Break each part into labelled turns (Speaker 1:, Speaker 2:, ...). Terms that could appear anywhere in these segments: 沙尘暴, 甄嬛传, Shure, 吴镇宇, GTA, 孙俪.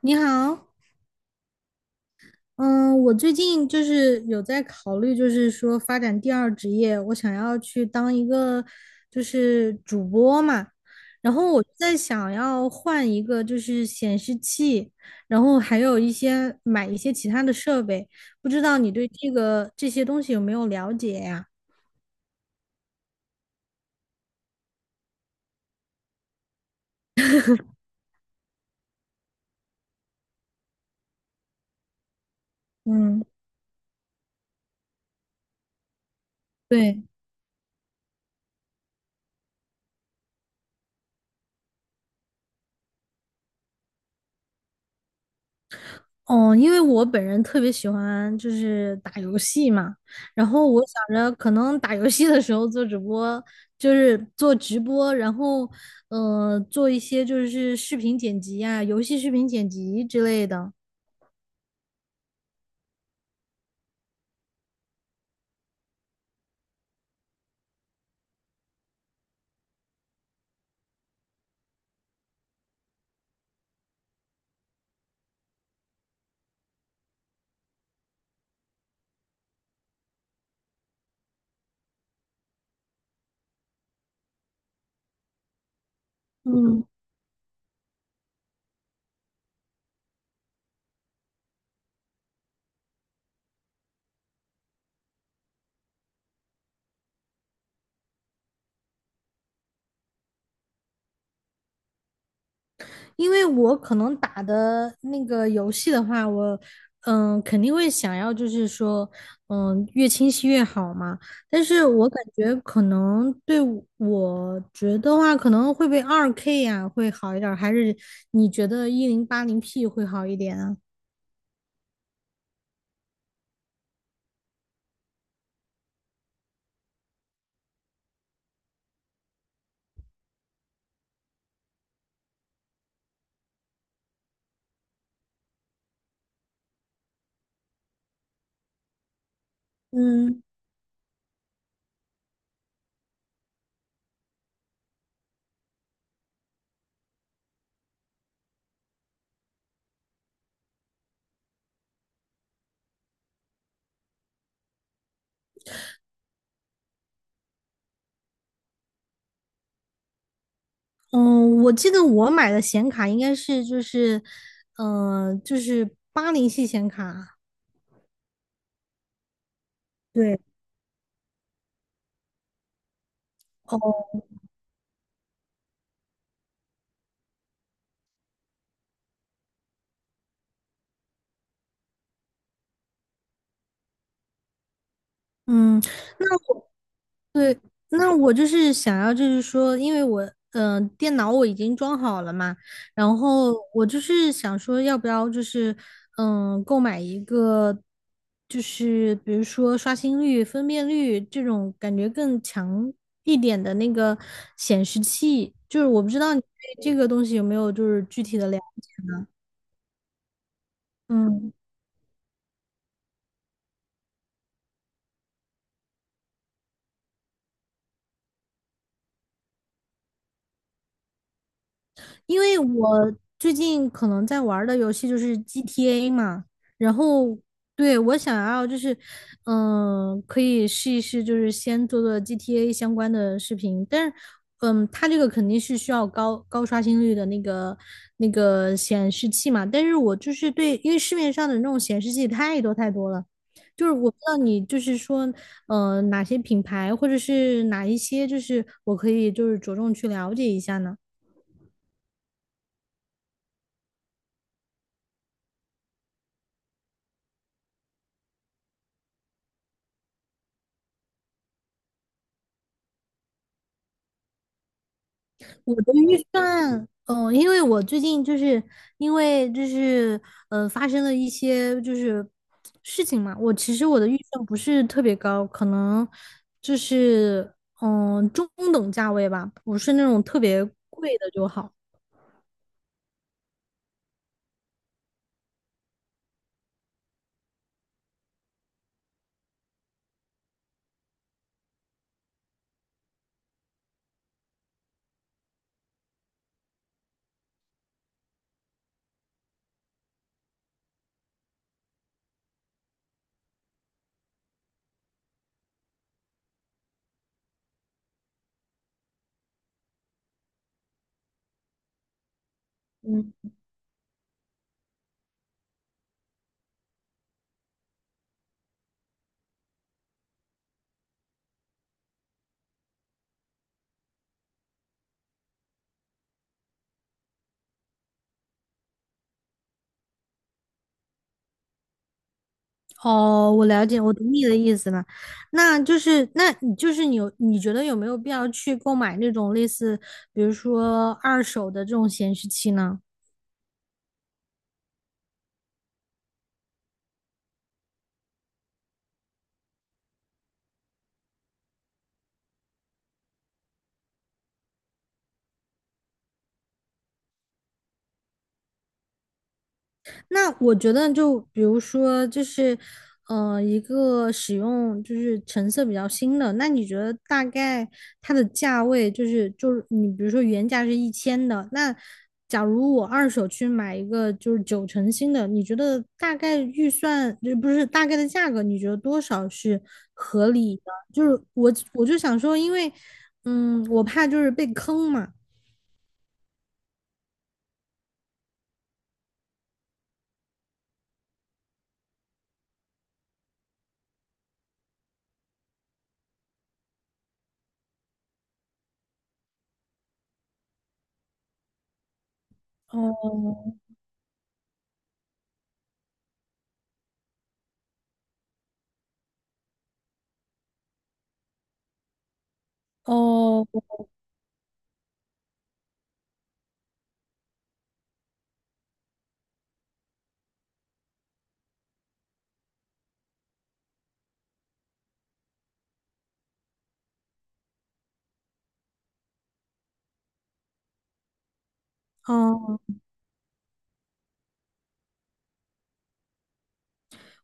Speaker 1: 你好，嗯，我最近就是有在考虑，就是说发展第二职业，我想要去当一个就是主播嘛，然后我在想要换一个就是显示器，然后还有一些买一些其他的设备，不知道你对这个这些东西有没有了解呀？嗯，对。哦，因为我本人特别喜欢就是打游戏嘛，然后我想着可能打游戏的时候做直播，就是做直播，然后做一些就是视频剪辑啊，游戏视频剪辑之类的。嗯，因为我可能打的那个游戏的话，我肯定会想要，就是说嗯越清晰越好嘛。但是我感觉可能对我觉得话，可能会被二 K 呀、会好一点儿，还是你觉得1080P 会好一点啊？嗯嗯，我记得我买的显卡应该是就是就是80系显卡。对，哦，嗯，那对，那我就是想要，就是说，因为我，电脑我已经装好了嘛，然后我就是想说，要不要就是，购买一个，就是比如说刷新率、分辨率这种感觉更强一点的那个显示器，就是我不知道你对这个东西有没有就是具体的了解，嗯。因为我最近可能在玩儿的游戏就是 GTA 嘛，然后对我想要就是，可以试一试，就是先做做 GTA 相关的视频，但是，嗯，它这个肯定是需要高刷新率的那个显示器嘛，但是我就是对，因为市面上的那种显示器太多太多了。就是我不知道你就是说，哪些品牌或者是哪一些，就是我可以就是着重去了解一下呢？我的预算，嗯，因为我最近因为就是发生了一些就是事情嘛，我其实我的预算不是特别高，可能就是中等价位吧，不是那种特别贵的就好。哦，我了解，我懂你的意思了。那就是那你就是你有你觉得有没有必要去购买那种类似比如说二手的这种显示器呢？那我觉得，就比如说，就是，一个使用就是成色比较新的，那你觉得大概它的价位就是，就是你比如说原价是1000的，那假如我二手去买一个就是九成新的，你觉得大概预算，就不是大概的价格，你觉得多少是合理的？就是我就想说，因为，嗯，我怕就是被坑嘛。哦哦哦,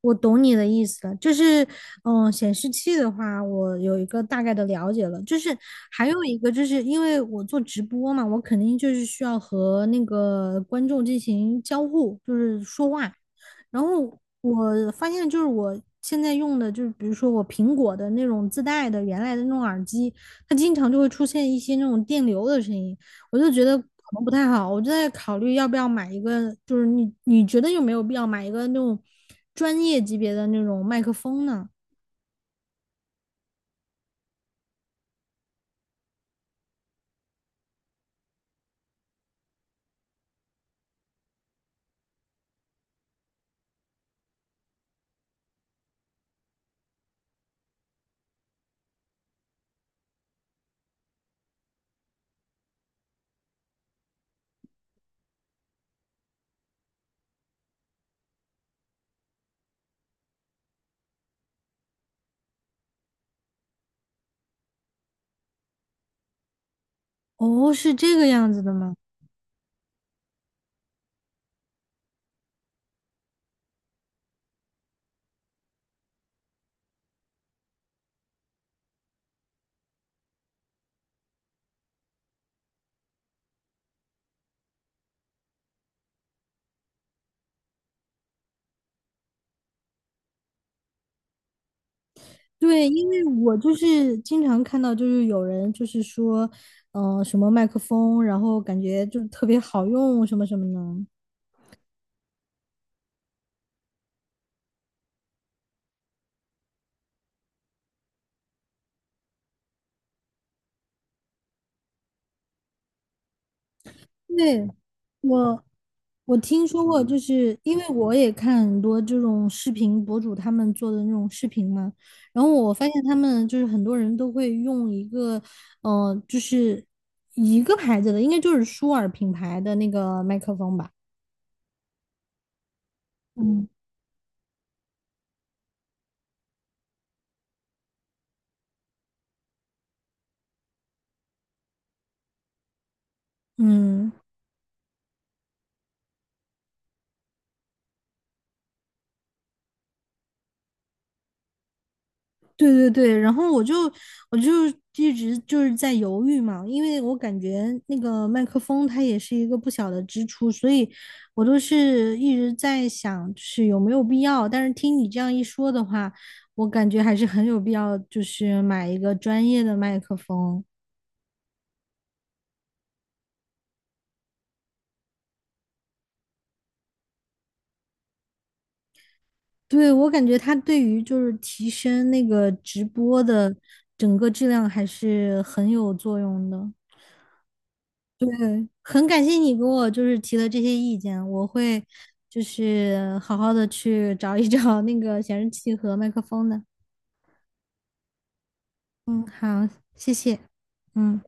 Speaker 1: 我懂你的意思了，就是，嗯，显示器的话，我有一个大概的了解了。就是还有一个，就是因为我做直播嘛，我肯定就是需要和那个观众进行交互，就是说话。然后我发现就是我现在用的，就是比如说我苹果的那种自带的原来的那种耳机，它经常就会出现一些那种电流的声音，我就觉得可能不太好，我就在考虑要不要买一个，就是你觉得有没有必要买一个那种专业级别的那种麦克风呢？哦，是这个样子的吗？对，因为我就是经常看到，就是有人就是说，什么麦克风，然后感觉就特别好用，什么什么的。对，我我听说过，就是因为我也看很多这种视频博主他们做的那种视频嘛，然后我发现他们就是很多人都会用一个，就是一个牌子的，应该就是舒尔品牌的那个麦克风吧。嗯嗯，对对对，然后我就一直就是在犹豫嘛，因为我感觉那个麦克风它也是一个不小的支出，所以我都是一直在想，就是有没有必要。但是听你这样一说的话，我感觉还是很有必要，就是买一个专业的麦克风。对，我感觉它对于就是提升那个直播的整个质量还是很有作用的。对，很感谢你给我就是提的这些意见，我会就是好好的去找一找那个显示器和麦克风的。嗯，好，谢谢。嗯。